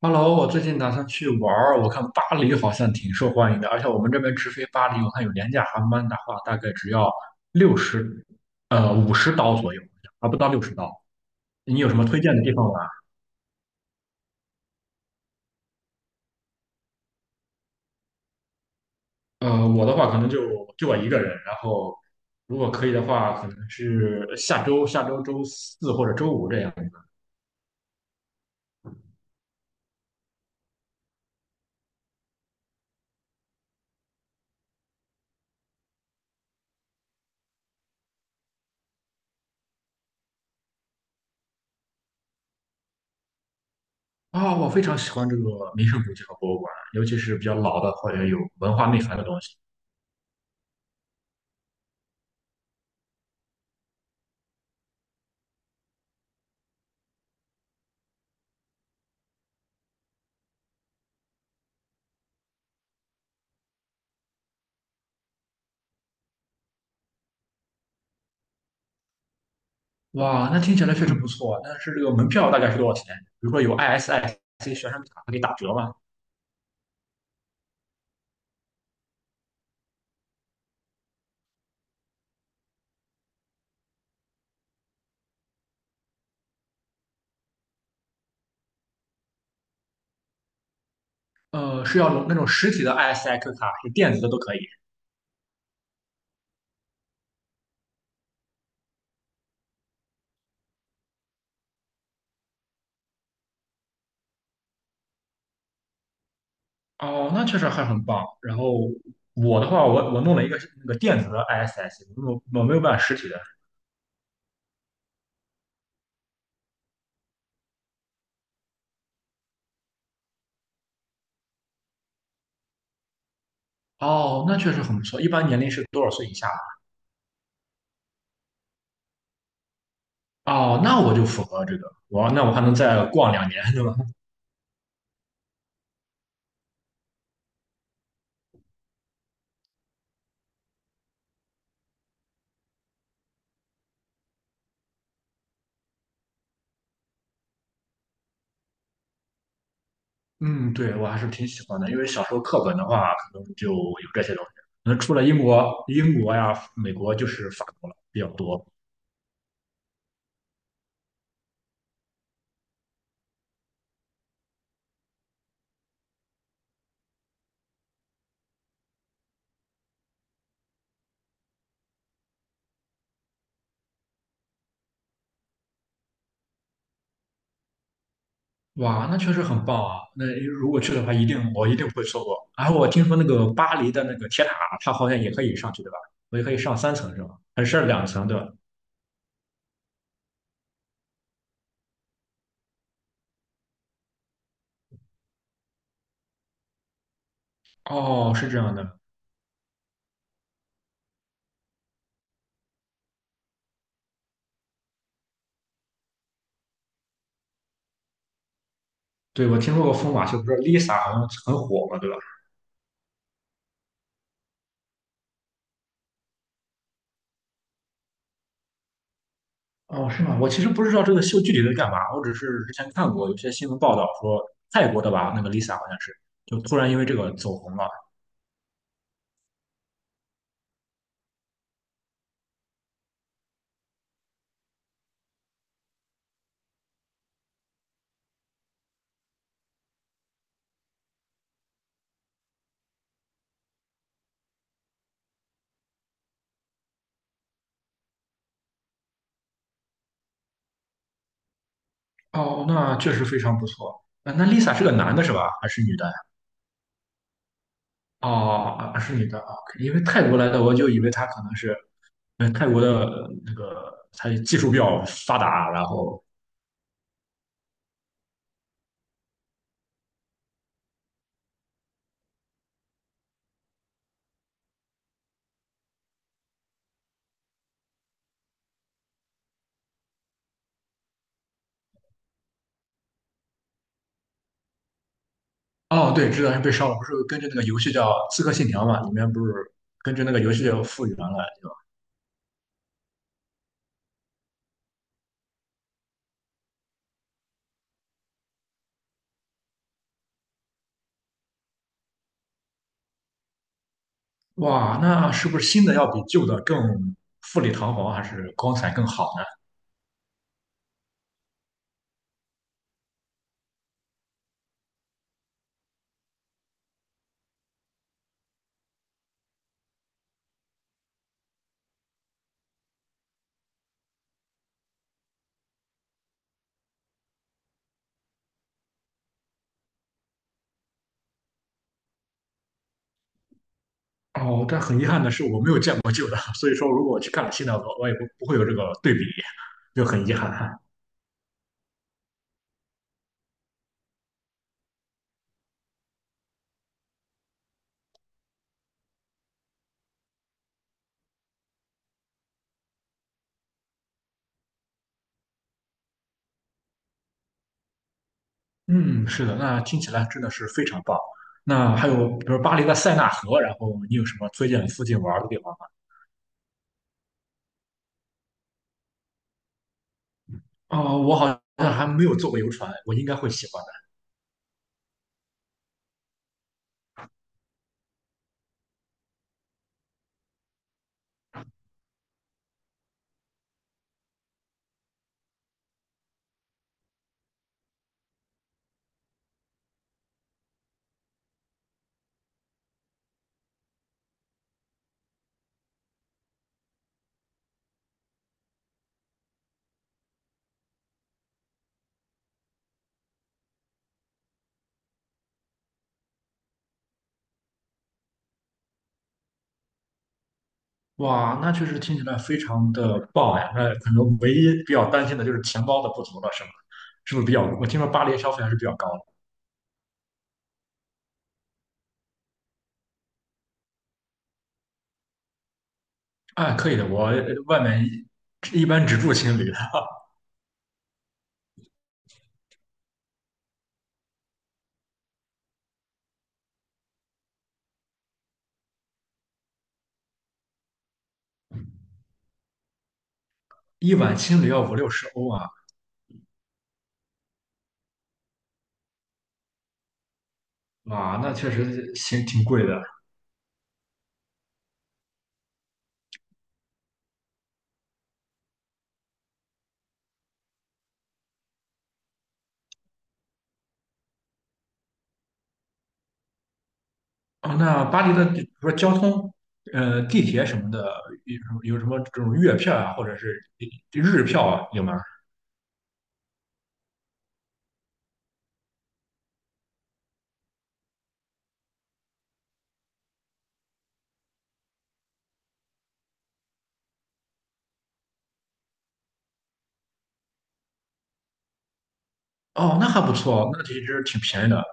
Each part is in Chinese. Hello,我最近打算去玩儿，我看巴黎好像挺受欢迎的，而且我们这边直飞巴黎，我看有廉价航班的话，大概只要六十，五十刀左右，还不到六十刀。你有什么推荐的地方玩？我的话可能就我一个人，然后如果可以的话，可能是下周周四或者周五这样子。啊、我非常喜欢这个名胜古迹和博物馆，尤其是比较老的或者有文化内涵的东西。哇，那听起来确实不错。但是这个门票大概是多少钱？比如说有 ISIC 学生卡可以打折吗？是要那种实体的 ISIQ 卡，还是电子的都可以？哦，那确实还很棒。然后我的话，我弄了一个是那个电子的 ISIC，我没有办实体的。哦，那确实很不错。一般年龄是多少岁以下？哦，那我就符合这个。我那我还能再逛两年，对吧？嗯，对，我还是挺喜欢的，因为小时候课本的话，可能就有这些东西。那能除了英国呀、美国，就是法国了比较多。哇，那确实很棒啊！那如果去的话，我一定不会错过。然后我听说那个巴黎的那个铁塔，它好像也可以上去，对吧？我也可以上三层是吧？还是两层对吧？哦，是这样的。对，我听说过疯马秀，不是 Lisa 好像很火嘛，对吧？哦，是吗？我其实不知道这个秀具体在干嘛，我只是之前看过有些新闻报道说泰国的吧，那个 Lisa 好像是就突然因为这个走红了。哦，那确实非常不错。啊，那 Lisa 是个男的是吧？还是女的呀？哦，啊是女的啊，因为泰国来的，我就以为她可能是，嗯，泰国的那个她技术比较发达，然后哦，对，知道是被烧了，不是根据那个游戏叫《刺客信条》嘛，里面不是根据那个游戏叫复原了，哇，那是不是新的要比旧的更富丽堂皇，还是光彩更好呢？哦，但很遗憾的是，我没有见过旧的，所以说如果我去看了新的，我也不会有这个对比，就很遗憾。嗯，是的，那听起来真的是非常棒。那还有，比如巴黎的塞纳河，然后你有什么推荐附近玩的地方吗？哦，我好像还没有坐过游船，我应该会喜欢的。哇，那确实听起来非常的棒呀。那可能唯一比较担心的就是钱包的不足了，是吗？是不是比较？我听说巴黎消费还是比较高的。啊，可以的，我外面一般只住青旅的一晚青旅要五六十欧啊，哇，那确实行挺贵的。哦，那巴黎的，比如说交通，地铁什么的，有什么这种月票啊，或者是日票啊，有吗？哦，那还不错，那其实挺便宜的，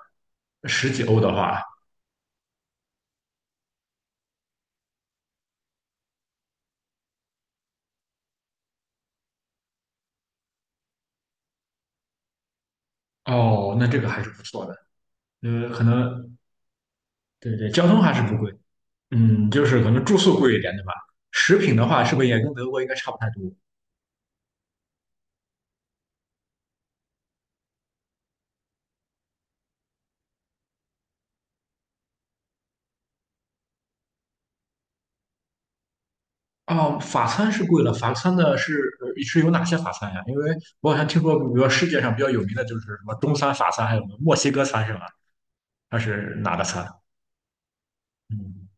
十几欧的话，哦，那这个还是不错的。呃，可能对对，交通还是不贵，嗯，就是可能住宿贵一点，对吧？食品的话，是不是也跟德国应该差不太多？哦，法餐是贵了，法餐的是呃是有哪些法餐呀？因为我好像听说，比如说世界上比较有名的就是什么中餐、法餐，还有什么墨西哥餐是吧？它是哪个餐？嗯，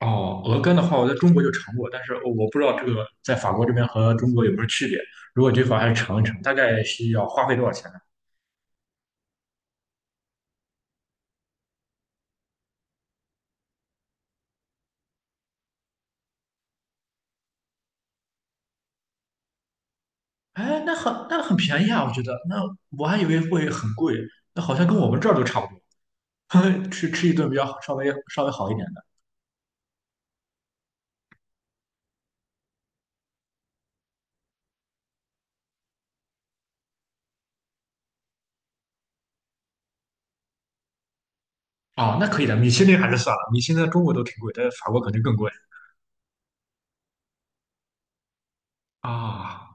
哦，鹅肝的话，我在中国就尝过，但是我不知道这个在法国这边和中国有没有区别。如果这块还是尝一尝，大概需要花费多少钱呢？哎，那很便宜啊，我觉得。那我还以为会很贵，那好像跟我们这儿都差不多。吃一顿比较稍微好一点。哦，那可以的，米其林还是算了，米其林在中国都挺贵，在法国肯定更贵啊。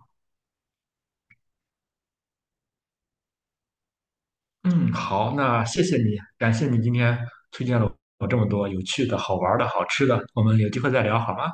嗯，好，那谢谢你，感谢你今天有这么多有趣的好玩的好吃的，我们有机会再聊好吗？